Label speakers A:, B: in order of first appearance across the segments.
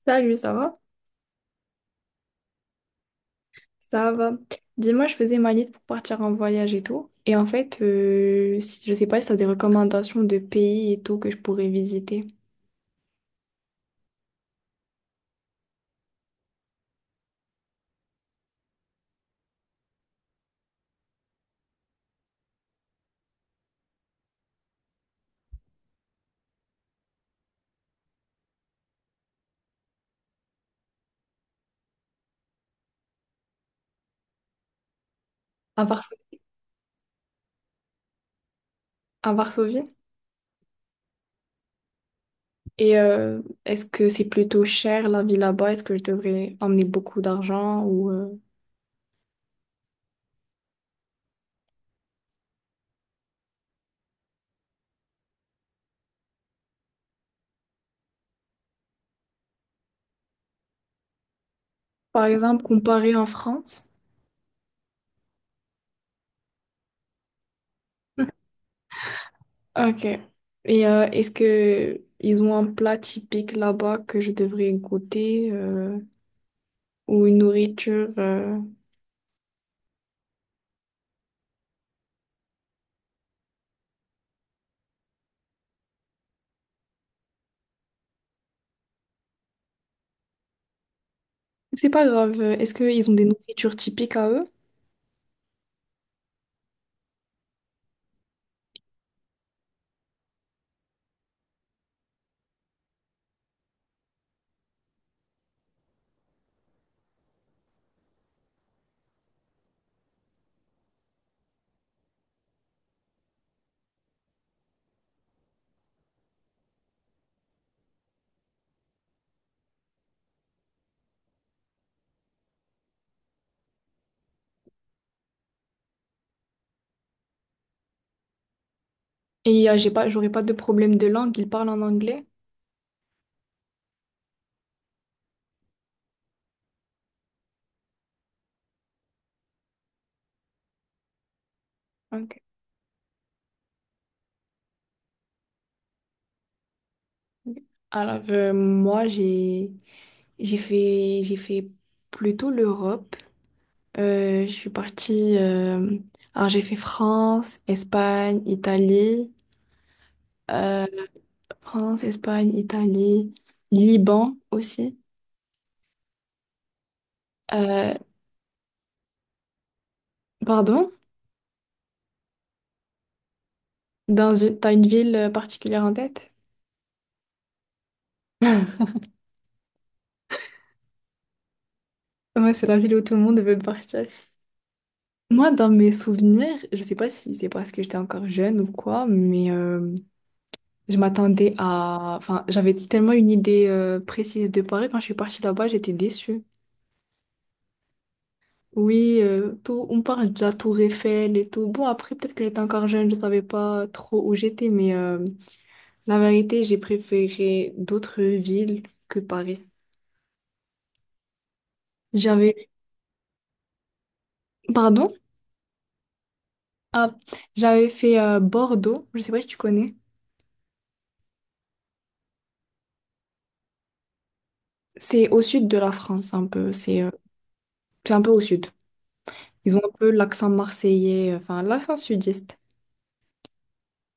A: Salut, ça va? Ça va. Dis-moi, je faisais ma liste pour partir en voyage et tout. Et en fait, je sais pas si t'as des recommandations de pays et tout que je pourrais visiter. À Varso- à Varsovie. Et est-ce que c'est plutôt cher la vie là-bas? Est-ce que je devrais emmener beaucoup d'argent ou par exemple comparer en France? Ok. Et est-ce que ils ont un plat typique là-bas que je devrais goûter ou une nourriture c'est pas grave. Est-ce qu'ils ont des nourritures typiques à eux? Et j'ai pas, j'aurais pas de problème de langue. Ils parlent en anglais. Ok. Ok. Alors moi j'ai fait plutôt l'Europe. Je suis partie. Alors j'ai fait France, Espagne, Italie. euh, France, Espagne, Italie, Liban aussi. Euh, pardon? T'as une ville particulière en tête? Moi, c'est la ville où tout le monde veut partir. Moi, dans mes souvenirs, je sais pas si c'est parce que j'étais encore jeune ou quoi, mais je m'attendais à... Enfin, j'avais tellement une idée précise de Paris. Quand je suis partie là-bas, j'étais déçue. Oui, tout, on parle de la tour Eiffel et tout. Bon, après, peut-être que j'étais encore jeune, je savais pas trop où j'étais, mais... la vérité, j'ai préféré d'autres villes que Paris. J'avais, pardon? Ah, j'avais fait Bordeaux, je sais pas si tu connais. C'est au sud de la France un peu, c'est un peu au sud. Ils ont un peu l'accent marseillais, enfin l'accent sudiste.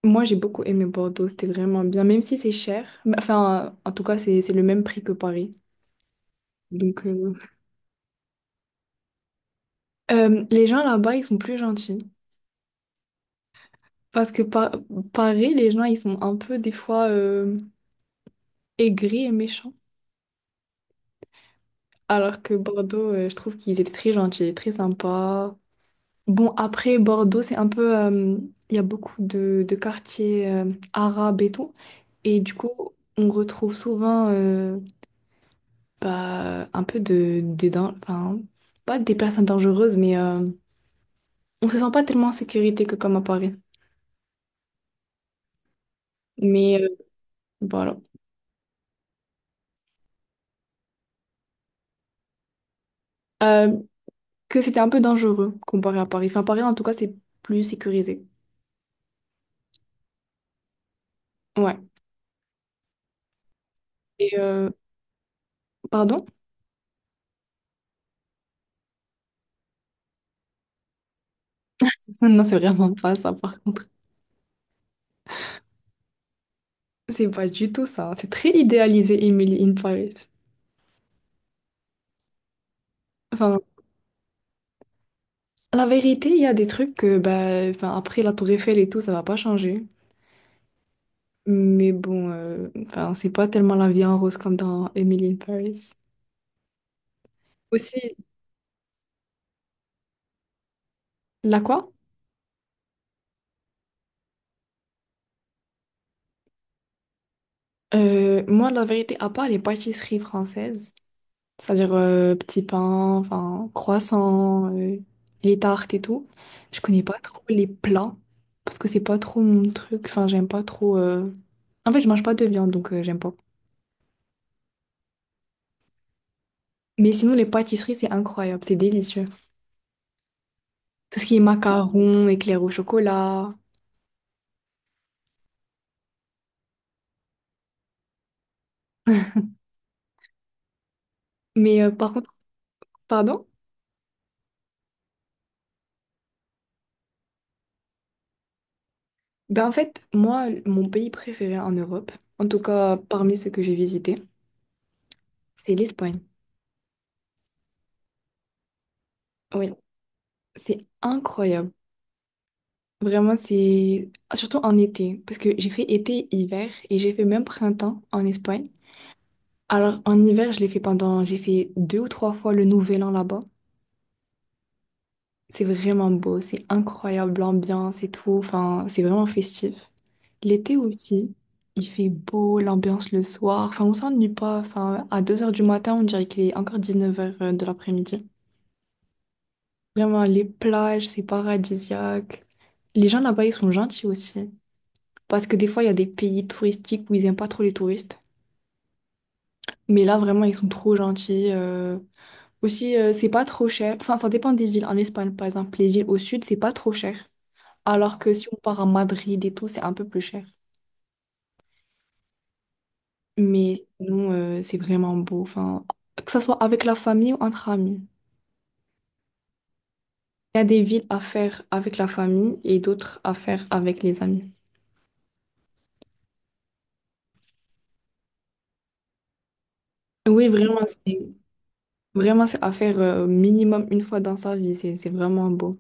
A: Moi, j'ai beaucoup aimé Bordeaux, c'était vraiment bien, même si c'est cher. Mais, enfin, en tout cas, c'est le même prix que Paris. Donc, les gens là-bas, ils sont plus gentils. Parce que par- Paris, les gens, ils sont un peu des fois aigris et méchants. Alors que Bordeaux, je trouve qu'ils étaient très gentils, très sympas. Bon, après, Bordeaux, c'est un peu... il y a beaucoup de quartiers arabes et tout. Et du coup, on retrouve souvent bah, un peu enfin, pas des personnes dangereuses, mais on se sent pas tellement en sécurité que comme à Paris. Mais voilà. Euh, que c'était un peu dangereux comparé à Paris. Enfin, Paris, en tout cas, c'est plus sécurisé. Ouais. Et... pardon? Non, c'est vraiment pas ça, par contre. C'est pas du tout ça. C'est très idéalisé, Emily in Paris. Enfin, la vérité, il y a des trucs que, bah, enfin, après la Tour Eiffel et tout, ça va pas changer. Mais bon, enfin, c'est pas tellement la vie en rose comme dans Emily in Paris. Aussi, la quoi? Moi, la vérité, à part les pâtisseries françaises, c'est-à-dire petits pains, enfin, croissants, les tartes et tout, je connais pas trop les plats parce que c'est pas trop mon truc. Enfin, j'aime pas trop. En fait, je mange pas de viande, donc j'aime pas. Mais sinon, les pâtisseries, c'est incroyable, c'est délicieux. Tout ce qui est macarons, éclairs au chocolat. Mais par contre, pardon? Ben en fait, moi, mon pays préféré en Europe, en tout cas parmi ceux que j'ai visités, c'est l'Espagne. Oui, c'est incroyable. Vraiment, c'est... Surtout en été, parce que j'ai fait été, hiver, et j'ai fait même printemps en Espagne. Alors, en hiver, je l'ai fait pendant... J'ai fait deux ou trois fois le Nouvel An là-bas. C'est vraiment beau, c'est incroyable l'ambiance et tout. Enfin, c'est vraiment festif. L'été aussi, il fait beau, l'ambiance le soir. Enfin, on s'ennuie pas. Enfin, à deux heures du matin, on dirait qu'il est encore dix-neuf heures de l'après-midi. Vraiment, les plages, c'est paradisiaque. Les gens là-bas, ils sont gentils aussi. Parce que des fois, il y a des pays touristiques où ils aiment pas trop les touristes. Mais là, vraiment, ils sont trop gentils. Aussi, c'est pas trop cher. Enfin, ça dépend des villes. En Espagne, par exemple, les villes au sud, c'est pas trop cher. Alors que si on part à Madrid et tout, c'est un peu plus cher. Mais sinon, c'est vraiment beau. Enfin, que ce soit avec la famille ou entre amis. Il y a des villes à faire avec la famille et d'autres à faire avec les amis. Oui, vraiment, c'est à faire minimum une fois dans sa vie. C'est vraiment beau.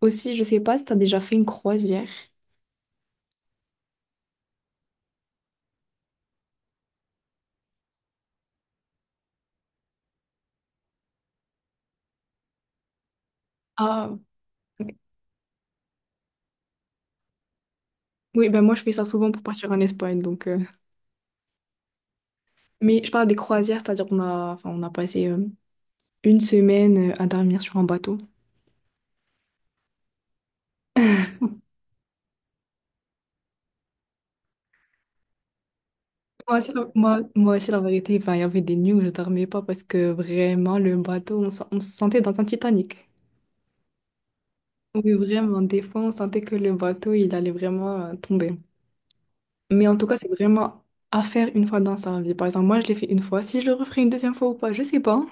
A: Aussi, je sais pas si tu as déjà fait une croisière. Ah, oui, ben moi je fais ça souvent pour partir en Espagne. Donc, Mais je parle des croisières, c'est-à-dire qu'on a, enfin, on a passé une semaine à dormir sur un bateau. Moi aussi, moi aussi, la vérité, enfin, il y avait des nuits où je dormais pas parce que vraiment, le bateau, on se sentait dans un Titanic. Oui, vraiment, des fois, on sentait que le bateau, il allait vraiment tomber. Mais en tout cas, c'est vraiment à faire une fois dans sa vie. Par exemple, moi, je l'ai fait une fois. Si je le referai une deuxième fois ou pas, je sais pas.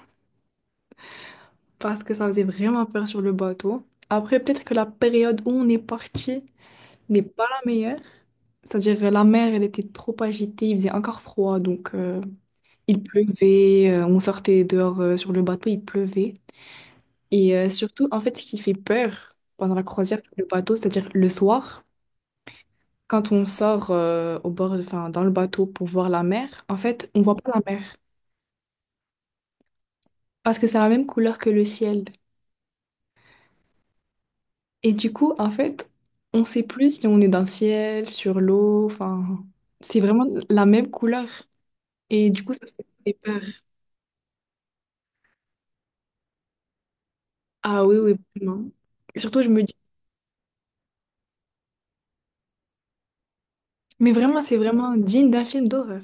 A: Parce que ça faisait vraiment peur sur le bateau. Après, peut-être que la période où on est parti n'est pas la meilleure. C'est-à-dire, la mer, elle était trop agitée, il faisait encore froid, donc... il pleuvait, on sortait dehors sur le bateau, il pleuvait. Et surtout, en fait, ce qui fait peur pendant la croisière sur le bateau, c'est-à-dire le soir, quand on sort au bord, enfin, dans le bateau pour voir la mer, en fait, on voit pas la mer parce que c'est la même couleur que le ciel. Et du coup, en fait, on sait plus si on est dans le ciel, sur l'eau, enfin, c'est vraiment la même couleur. Et du coup, ça fait peur. Ah oui, oui, vraiment. Et surtout, je me dis, mais vraiment, c'est vraiment digne d'un film d'horreur.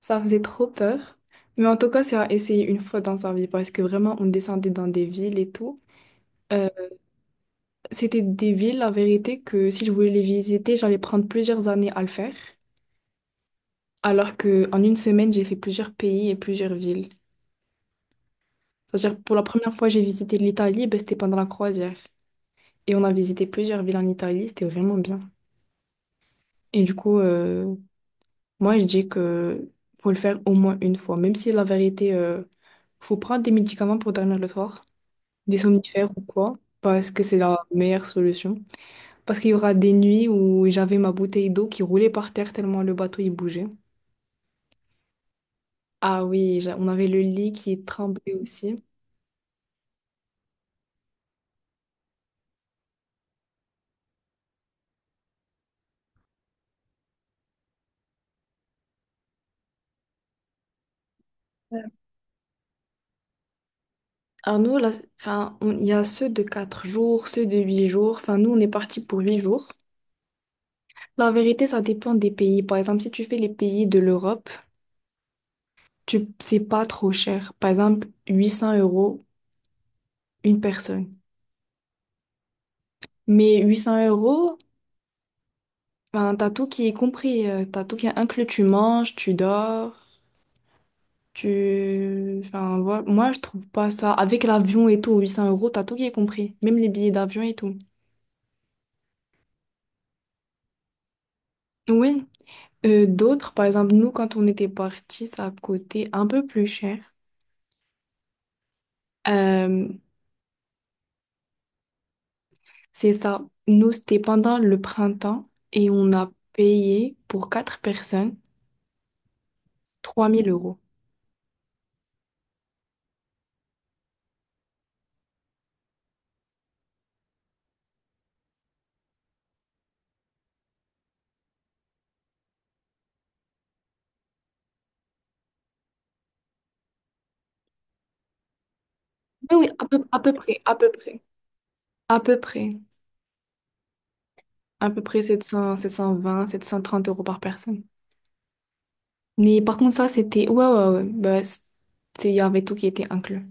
A: Ça faisait trop peur. Mais en tout cas, c'est à essayer une fois dans sa vie parce que vraiment, on descendait dans des villes et tout. Euh, c'était des villes, la vérité, que si je voulais les visiter, j'allais prendre plusieurs années à le faire. Alors que en une semaine, j'ai fait plusieurs pays et plusieurs villes. C'est-à-dire, pour la première fois, j'ai visité l'Italie, ben, c'était pendant la croisière. Et on a visité plusieurs villes en Italie, c'était vraiment bien. Et du coup, moi, je dis que faut le faire au moins une fois, même si la vérité, faut prendre des médicaments pour dormir le soir. Des somnifères ou quoi, parce que c'est la meilleure solution. Parce qu'il y aura des nuits où j'avais ma bouteille d'eau qui roulait par terre tellement le bateau il bougeait. Ah oui, on avait le lit qui tremblait aussi. Ouais. Alors nous, là, il y a ceux de 4 jours, ceux de 8 jours. Enfin, nous, on est parti pour 8 jours. La vérité, ça dépend des pays. Par exemple, si tu fais les pays de l'Europe, c'est pas trop cher. Par exemple, 800 euros une personne. Mais 800 euros, enfin, t'as tout qui est compris, t'as tout qui est inclus, tu manges, tu dors, tu... Enfin, voilà. Moi, je trouve pas ça. Avec l'avion et tout, 800 euros, t'as tout qui est compris, même les billets d'avion et tout. Oui, d'autres, par exemple, nous, quand on était partis, ça coûtait un peu plus cher. Euh, c'est ça, nous, c'était pendant le printemps et on a payé pour quatre personnes trois mille euros. Oui, oui, à peu près, à peu près, à peu près, à peu près 700, cent trente euros par personne. Mais par contre, ça, c'était... Ouais, ouais, ouais. Bah, il y avait tout qui était inclus.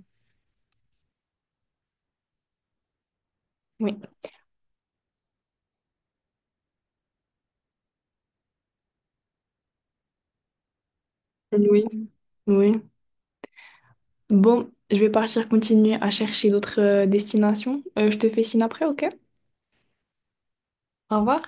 A: Oui. Oui, oui. Bon, je vais partir continuer à chercher d'autres destinations. Je te fais signe après, ok? Au revoir.